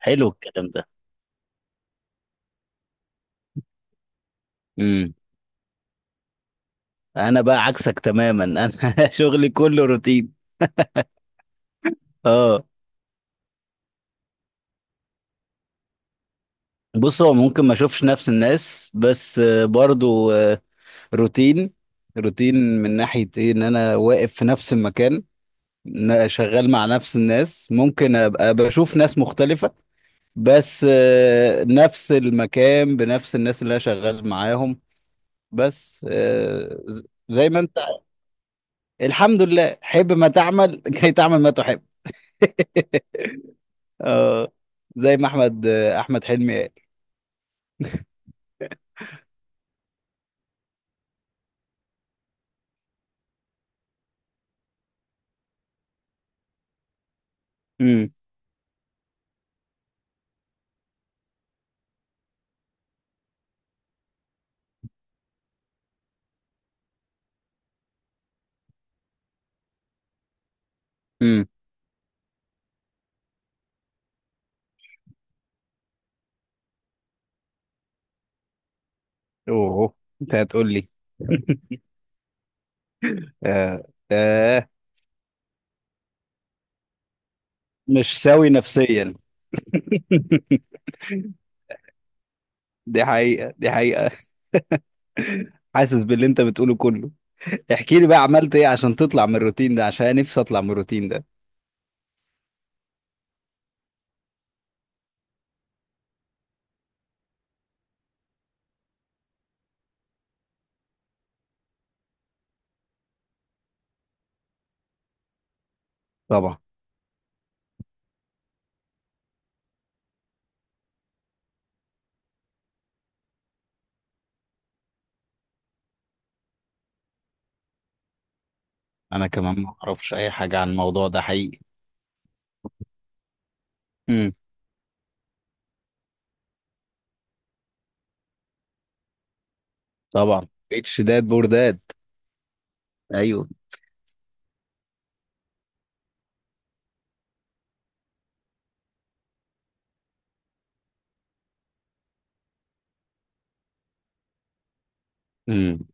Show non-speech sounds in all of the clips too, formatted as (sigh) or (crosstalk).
حلو الكلام ده. امم انا بقى عكسك تماما انا. (laughs) شغلي كله روتين. اه. بص، هو ممكن ما اشوفش نفس الناس، بس برضو روتين. روتين من ناحية ايه، ان انا واقف في نفس المكان، إن أنا شغال مع نفس الناس. ممكن ابقى بشوف ناس مختلفة، بس نفس المكان بنفس الناس اللي انا شغال معاهم. بس زي ما انت. الحمد لله، حب ما تعمل كي تعمل ما تحب. اه، زي ما احمد حلمي قال. امم امم اوه، انت هتقول لي. آه. آه. مش سوي نفسيا. (laughs) دي حقيقة، دي حقيقة. حاسس باللي انت بتقوله كله. احكي لي بقى، عملت ايه عشان تطلع من الروتين ده؟ عشان أنا نفسي اطلع من الروتين ده. طبعا انا كمان ما اعرفش اي حاجه عن الموضوع ده حقيقي. امم طبعا، اتش داد بورداد. ايوه. امم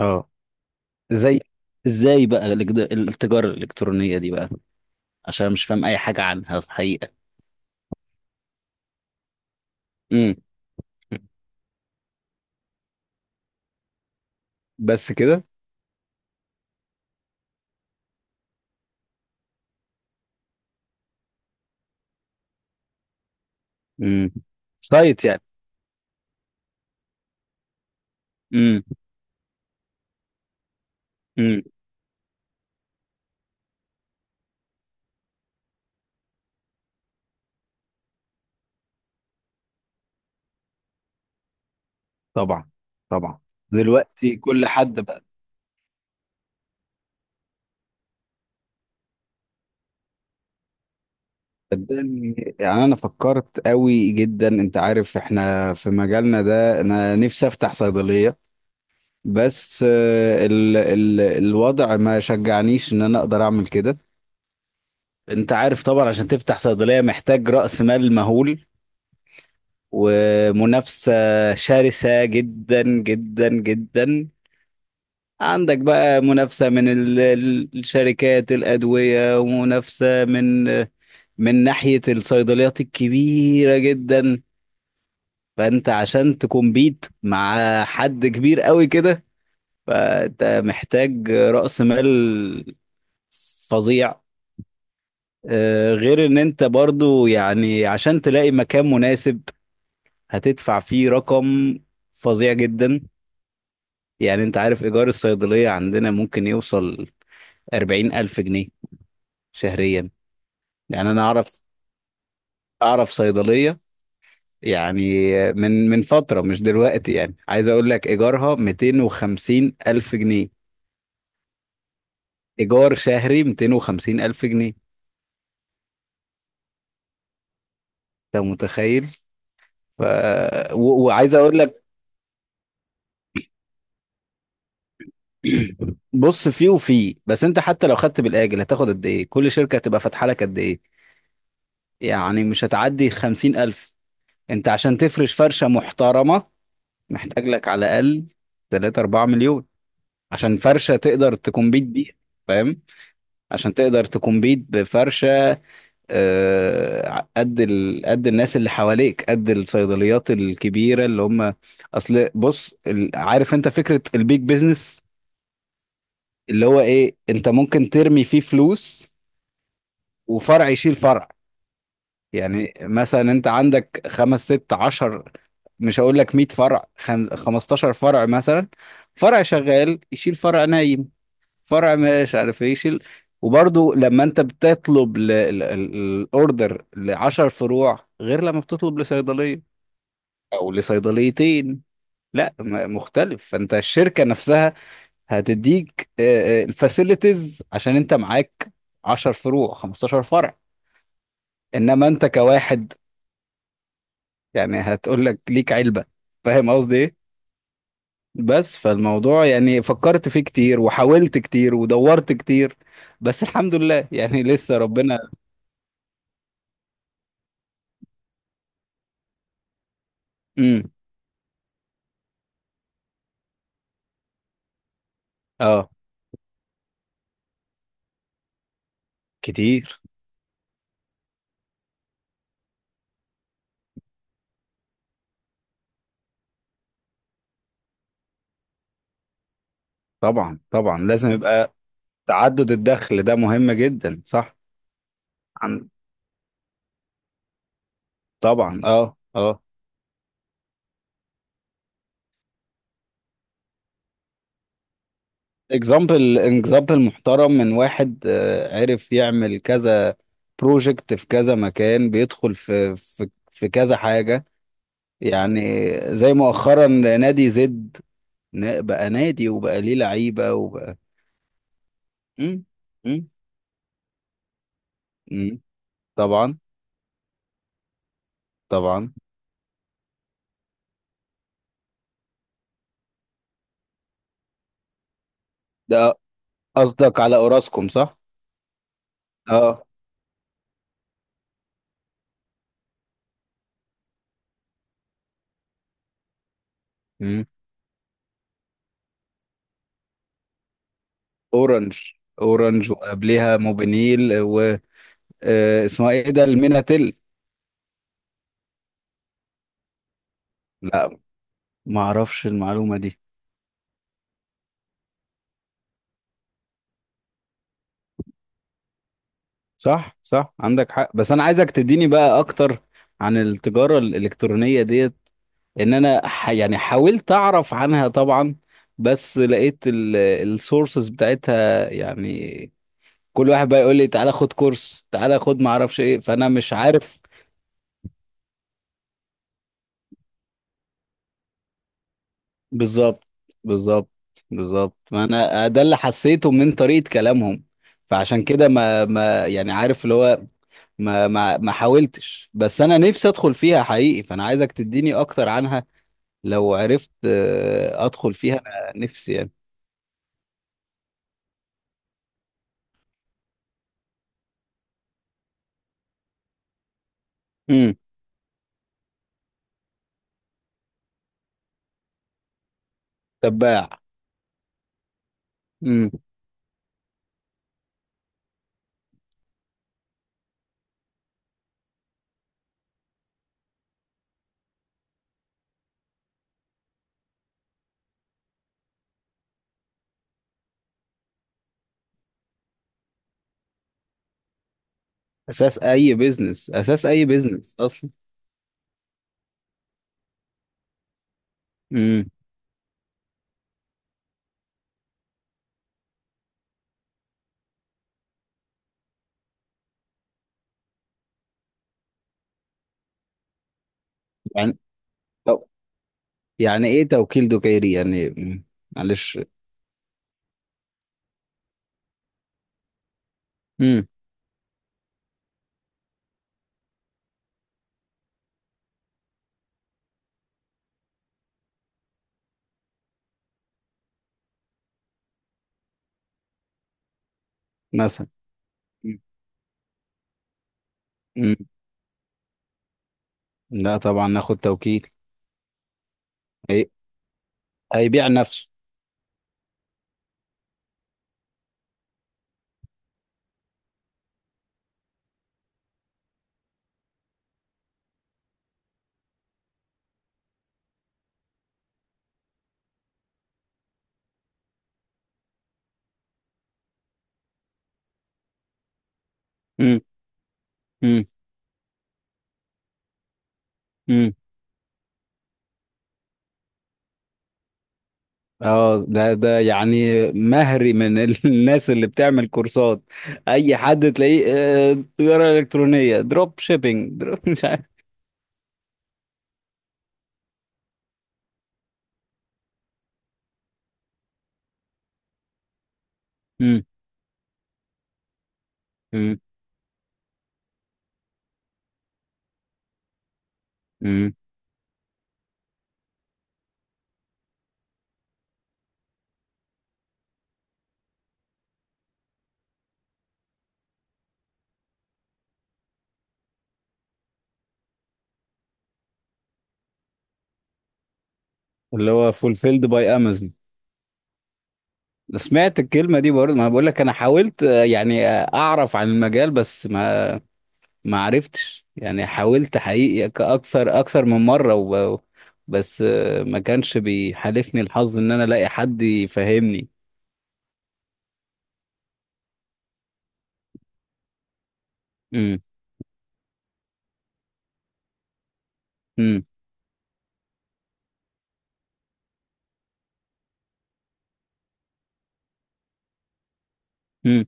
اه. زي، ازاي بقى التجاره الالكترونيه دي بقى؟ عشان مش فاهم اي حاجه عنها في الحقيقه. بس كده؟ امم سايت يعني؟ امم امم طبعا، طبعا. دلوقتي كل حد بقى. صدقني، يعني انا فكرت قوي جدا، انت عارف احنا في مجالنا ده انا نفسي افتح صيدلية. بس ال الوضع ما شجعنيش ان انا اقدر اعمل كده. انت عارف طبعا، عشان تفتح صيدلية محتاج رأس مال مهول ومنافسة شرسة جدا جدا جدا. عندك بقى منافسة من الشركات الأدوية، ومنافسة من ناحية الصيدليات الكبيرة جدا. فأنت عشان تكمبيت مع حد كبير قوي كده، فأنت محتاج رأس مال فظيع. غير إن أنت برضو يعني عشان تلاقي مكان مناسب هتدفع فيه رقم فظيع جدا. يعني أنت عارف إيجار الصيدلية عندنا ممكن يوصل 40,000 جنيه شهريا. يعني انا اعرف صيدليه، يعني من فتره، مش دلوقتي، يعني عايز اقول لك ايجارها 250 الف جنيه. ايجار شهري 250 الف جنيه. انت متخيل؟ ف... وعايز اقول لك، (clears throat) بص، فيه وفيه، بس انت حتى لو خدت بالاجل، هتاخد قد ايه؟ كل شركه هتبقى فاتحه لك قد ايه؟ يعني مش هتعدي 50 الف. انت عشان تفرش فرشه محترمه محتاج لك على الاقل 3 4 مليون، عشان فرشه تقدر تكمبيت بيها. فاهم، عشان تقدر تكمبيت بفرشة. قد قد الناس اللي حواليك، قد الصيدليات الكبيرة اللي هم. اصل بص، عارف انت فكرة البيج بيزنس، اللي هو ايه؟ انت ممكن ترمي فيه فلوس وفرع يشيل فرع. يعني مثلا انت عندك خمس ست عشر، مش هقول لك 100 فرع، 15 فرع مثلا. فرع شغال يشيل فرع نايم، فرع مش عارف ايه، شيل. وبرضه لما انت بتطلب الاوردر لعشر فروع، غير لما بتطلب لصيدليه او لصيدليتين، لا مختلف. فانت الشركه نفسها هتديك الفاسيلتيز عشان انت معاك 10 فروع، 15 فرع. انما انت كواحد، يعني هتقول لك ليك علبه. فاهم قصدي ايه؟ بس فالموضوع يعني فكرت فيه كتير وحاولت كتير ودورت كتير، بس الحمد لله يعني لسه ربنا. مم. اه، كتير. طبعا، طبعا، لازم يبقى تعدد الدخل ده مهم جدا. صح. عن، طبعا. اه، اه. اكزامبل محترم، من واحد عرف يعمل كذا بروجكت في كذا مكان، بيدخل في كذا حاجة. يعني زي مؤخرا نادي زد، بقى نادي وبقى ليه لعيبة وبقى. مم. مم. مم. طبعا. طبعا. ده قصدك على اوراسكوم، صح؟ اه. اورنج، اورنج، وقبليها موبينيل و اسمها ايه ده، الميناتيل. لا، ما اعرفش المعلومه دي. صح، صح، عندك حق. بس انا عايزك تديني بقى اكتر عن التجاره الالكترونيه ديت. ان انا يعني حاولت اعرف عنها طبعا، بس لقيت السورسز بتاعتها يعني كل واحد بقى يقول لي تعالى خد كورس، تعالى خد ما اعرفش ايه. فانا مش عارف. بالظبط، بالظبط، بالظبط. ما انا ده اللي حسيته من طريقة كلامهم. فعشان كده ما يعني، عارف اللي هو، ما حاولتش، بس انا نفسي ادخل فيها حقيقي. فانا عايزك تديني اكتر عنها، لو عرفت ادخل فيها انا نفسي يعني. امم تباع. امم اساس اي بيزنس، اساس اي بيزنس اصلا. امم يعني طب، يعني ايه توكيل دكيري يعني؟ مم. معلش. امم مثلا. مم. مم. لا طبعا، ناخد توكيل. إيه؟ هيبيع نفسه. امم امم امم اه، ده يعني مهري من (laughs) الناس اللي بتعمل كورسات، اي حد تلاقيه تجارة الكترونية، دروب شيبينج، دروب (laughs) مش عارف. امم امم امم اللي هو فولفيلد باي امازون. سمعت الكلمة دي برضه. ما بقول لك، انا حاولت يعني اعرف عن المجال، بس ما عرفتش يعني. حاولت حقيقي، اكثر من مرة بس ما كانش بيحالفني الحظ ان انا الاقي حد يفهمني. امم امم امم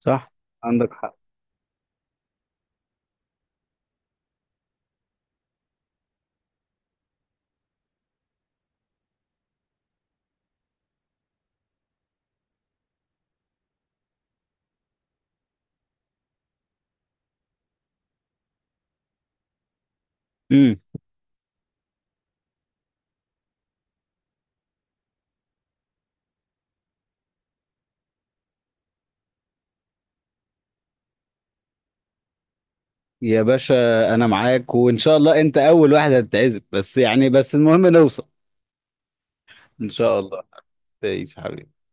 صح، عندك حق. امم يا باشا، انا معاك. وان شاء الله انت اول واحد هتتعزب، بس يعني بس المهم نوصل. ان شاء الله. تعيش حبيبي.